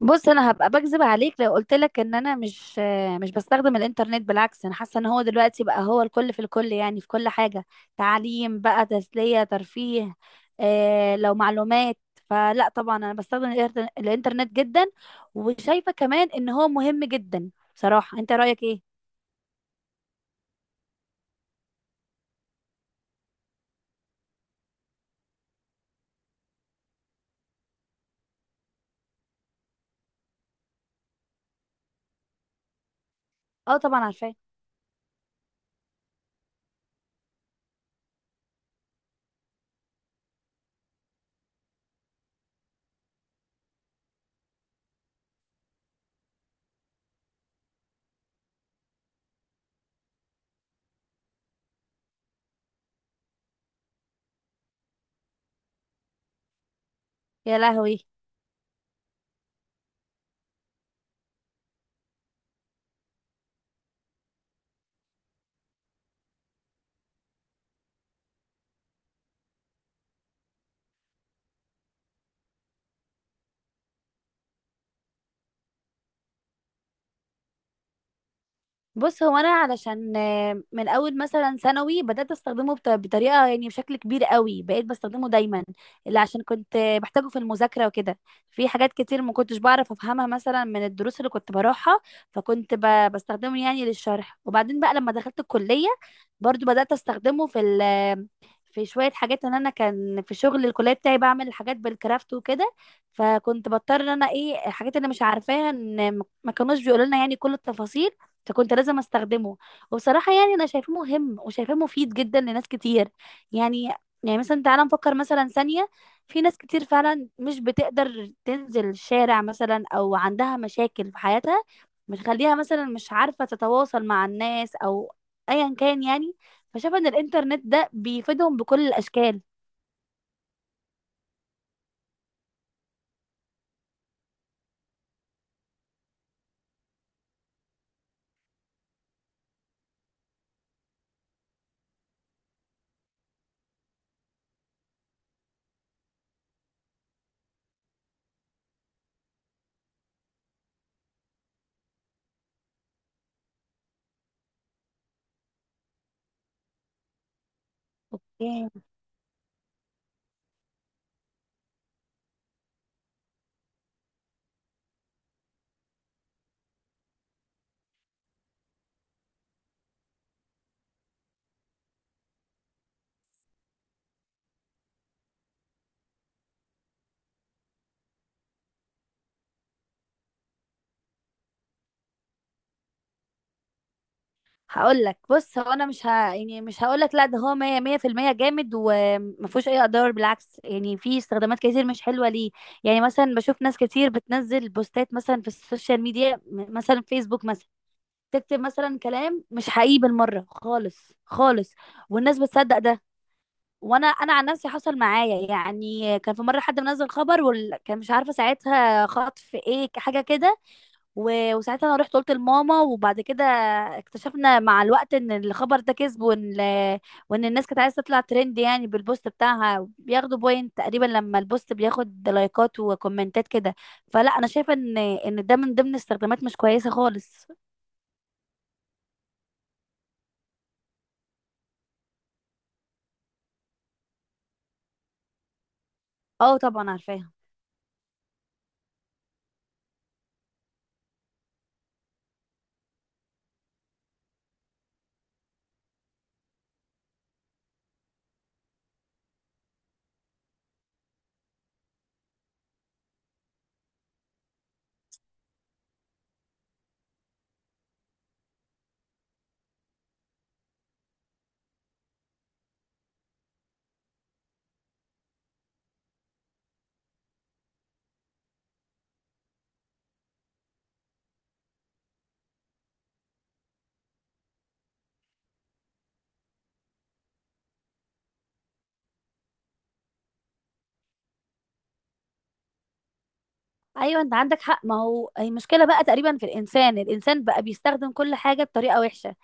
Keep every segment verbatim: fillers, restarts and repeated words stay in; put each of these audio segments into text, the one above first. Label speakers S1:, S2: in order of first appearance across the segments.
S1: بص، انا هبقى بكذب عليك لو قلت لك ان انا مش آه، مش بستخدم الانترنت. بالعكس، انا حاسه ان هو دلوقتي بقى هو الكل في الكل، يعني في كل حاجه. تعليم بقى، تسليه، ترفيه، آه لو معلومات. فلا طبعا انا بستخدم الإنتر- الانترنت جدا، وشايفه كمان ان هو مهم جدا. بصراحه، انت رايك ايه؟ اه طبعا عارفاه. يا لهوي. بص، هو انا علشان آه، من اول مثلا ثانوي بدات استخدمه بط- بطريقه، يعني بشكل كبير قوي، بقيت بستخدمه دايما، اللي عشان كنت آه، بحتاجه في المذاكره وكده. في حاجات كتير ما كنتش بعرف افهمها مثلا من الدروس اللي كنت بروحها، فكنت ب- بستخدمه يعني للشرح. وبعدين بقى لما دخلت الكليه، برضو بدات استخدمه في ال آه، في شويه حاجات. ان انا كان في شغل الكليه بتاعي بعمل الحاجات بالكرافت وكده، فكنت بضطر ان انا ايه الحاجات اللي مش عارفاها، ان ما كانوش بيقولوا لنا يعني كل التفاصيل، فكنت لازم استخدمه. وبصراحة يعني انا شايفاه مهم وشايفاه مفيد جدا لناس كتير. يعني، يعني مثلا تعالى نفكر مثلا ثانية، في ناس كتير فعلا مش بتقدر تنزل الشارع مثلا، او عندها مشاكل في حياتها بتخليها مثلا مش عارفة تتواصل مع الناس، او ايا كان يعني. فشايفة ان الانترنت ده بيفيدهم بكل الاشكال. اوكي، هقول لك. بص، هو انا مش ه... يعني مش هقول لك لا، ده هو 100 100% جامد وما فيهوش اي اضرار، بالعكس يعني في استخدامات كتير مش حلوه ليه. يعني مثلا بشوف ناس كتير بتنزل بوستات مثلا في السوشيال ميديا، م- مثلا فيسبوك مثلا، تكتب مثلا كلام مش حقيقي بالمره خالص خالص، والناس بتصدق ده. وانا انا عن نفسي حصل معايا. يعني كان في مره حد منزل خبر وكان مش عارفه ساعتها خطف ايه حاجه كده، و- وساعتها انا رحت قلت لماما، وبعد كده اكتشفنا مع الوقت ان الخبر ده كذب، وان وان الناس كانت عايزه تطلع ترند يعني بالبوست بتاعها، بياخدوا بوينت تقريبا لما البوست بياخد لايكات وكومنتات كده. فلا انا شايفه ان ان ده من ضمن استخدامات مش كويسه خالص. اه طبعا عارفاها. ايوه، انت عندك حق. ما هو المشكله بقى تقريبا في الانسان، الانسان بقى بيستخدم كل حاجه بطريقه وحشه،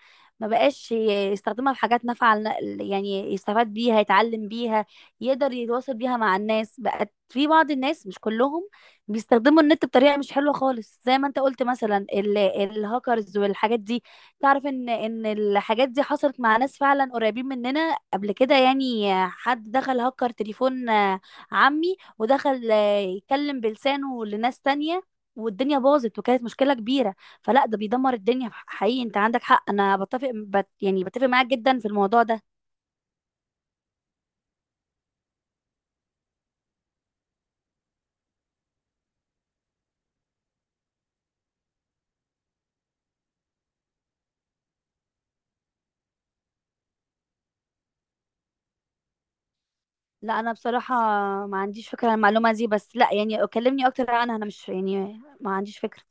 S1: ما بقاش ي- يستخدمها في حاجات نافعه لن- يعني يستفاد بيها، يتعلم بيها، يقدر يتواصل بيها مع الناس. بقت في بعض الناس، مش كلهم، بيستخدموا النت بطريقه مش حلوه خالص، زي ما انت قلت، مثلا ال- الهاكرز والحاجات دي. تعرف ان ان الحاجات دي حصلت مع ناس فعلا قريبين مننا قبل كده. يعني حد دخل هكر تليفون، آه، عمي، ودخل آه، يتكلم بلسانه لناس تانية، والدنيا باظت وكانت مشكلة كبيرة. فلا ده بيدمر الدنيا حقيقي. انت عندك حق، انا بتفق بت يعني بتفق معاك جدا في الموضوع ده. لا انا بصراحة ما عنديش فكرة عن المعلومة دي. بس لا يعني كلمني اكتر عنها، انا مش يعني ما عنديش فكرة.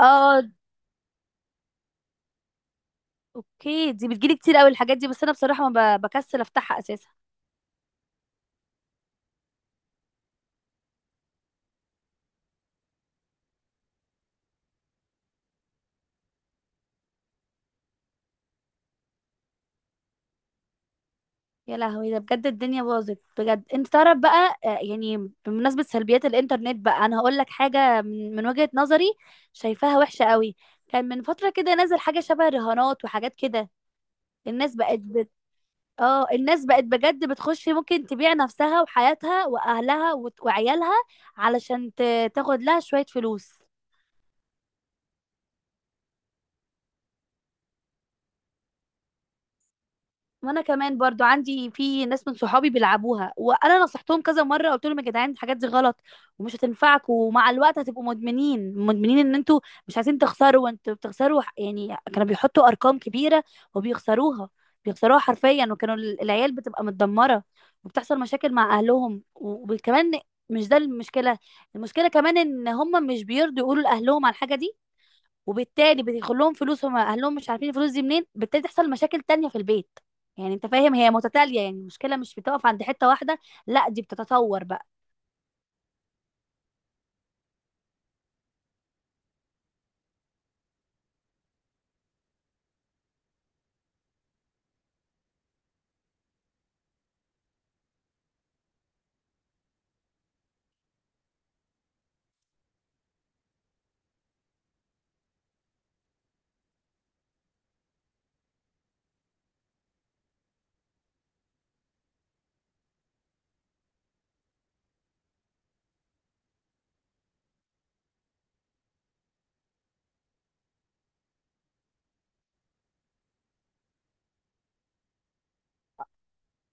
S1: اه. اوكي، دي بتجيلي كتير قوي الحاجات دي، بس انا بصراحة ما ب- بكسل افتحها اساسا. يا لهوي، ده بجد الدنيا باظت بجد. انت تعرف بقى، آه، يعني بمناسبة سلبيات الانترنت بقى، انا هقول لك حاجة من من وجهة نظري، شايفاها وحشة قوي. كان من فترة كده نازل حاجة شبه رهانات وحاجات كده. الناس بقت بت... اه، الناس بقت بجد بتخش، ممكن تبيع نفسها وحياتها واهلها وت- وعيالها علشان ت... تاخد لها شوية فلوس. وانا كمان برضو عندي في ناس من صحابي بيلعبوها، وانا نصحتهم كذا مره، قلت لهم يا جدعان الحاجات دي غلط ومش هتنفعكم، ومع الوقت هتبقوا مدمنين مدمنين، ان انتوا مش عايزين تخسروا وانتوا بتخسروا. ح- يعني كانوا بيحطوا ارقام كبيره وبيخسروها، بيخسروها حرفيا. وكانوا ال- العيال بتبقى متدمره، وبتحصل مشاكل مع اهلهم، و- وكمان مش ده المشكله. المشكله كمان ان هم مش بيرضوا يقولوا لاهلهم على الحاجه دي، وبالتالي بيدخل لهم فلوس، هم اهلهم مش عارفين الفلوس دي منين، بالتالي تحصل مشاكل تانية في البيت. يعني انت فاهم، هي متتالية يعني، المشكلة مش بتقف عند حتة واحدة، لا دي بتتطور بقى.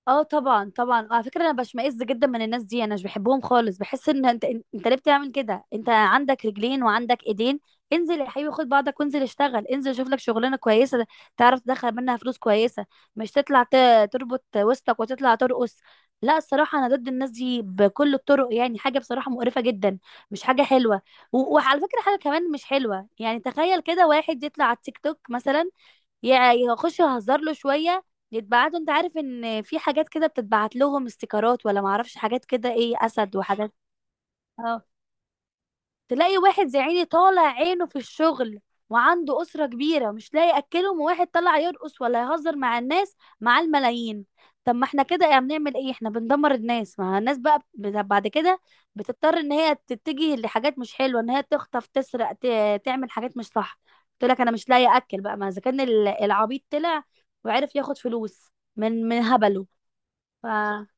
S1: اه طبعا طبعا. على فكره، انا بشمئز جدا من الناس دي، انا مش بحبهم خالص. بحس ان انت انت ليه بتعمل كده؟ انت عندك رجلين وعندك ايدين، انزل يا حبيبي، خد بعضك وانزل اشتغل، انزل شوف لك شغلانه كويسه تعرف تدخل منها فلوس كويسه. مش تطلع ت- تربط وسطك وتطلع ترقص. لا الصراحه انا ضد الناس دي بكل الطرق، يعني حاجه بصراحه مقرفه جدا، مش حاجه حلوه. و- وعلى فكره، حاجه كمان مش حلوه. يعني تخيل كده واحد يطلع على التيك توك مثلا، يا اخش اهزر له شويه، يتبعتوا. انت عارف ان في حاجات كده بتتبعت لهم استيكرات، ولا معرفش حاجات كده ايه، اسد وحاجات. اه. تلاقي واحد زي عيني طالع عينه في الشغل، وعنده أسرة كبيرة مش لاقي يأكلهم، وواحد طلع يرقص ولا يهزر مع الناس، مع الملايين. طب ما احنا كده يعني بنعمل ايه؟ احنا بندمر الناس. ما الناس بقى بت- بعد كده بتضطر ان هي تتجه لحاجات مش حلوة، ان هي تخطف، تسرق، ت- تعمل حاجات مش صح. قلت لك انا مش لاقي اكل بقى، ما اذا كان ال- العبيط طلع وعرف ياخد فلوس من من هبله. فعندك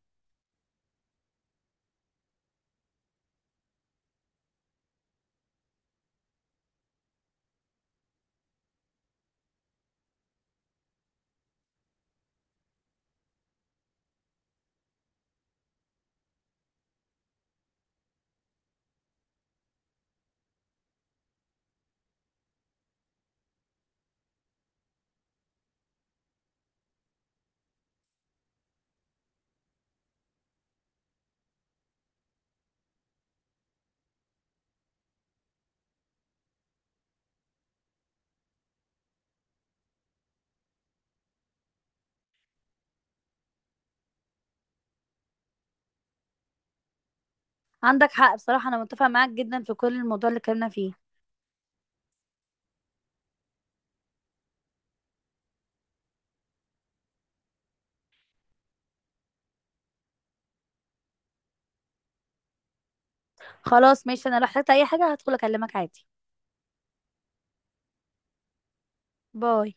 S1: حق. بصراحة انا متفقة معاك جدا في كل الموضوع اللي اتكلمنا فيه. خلاص ماشي، انا لو احتجت اي حاجة هدخل اكلمك عادي. باي.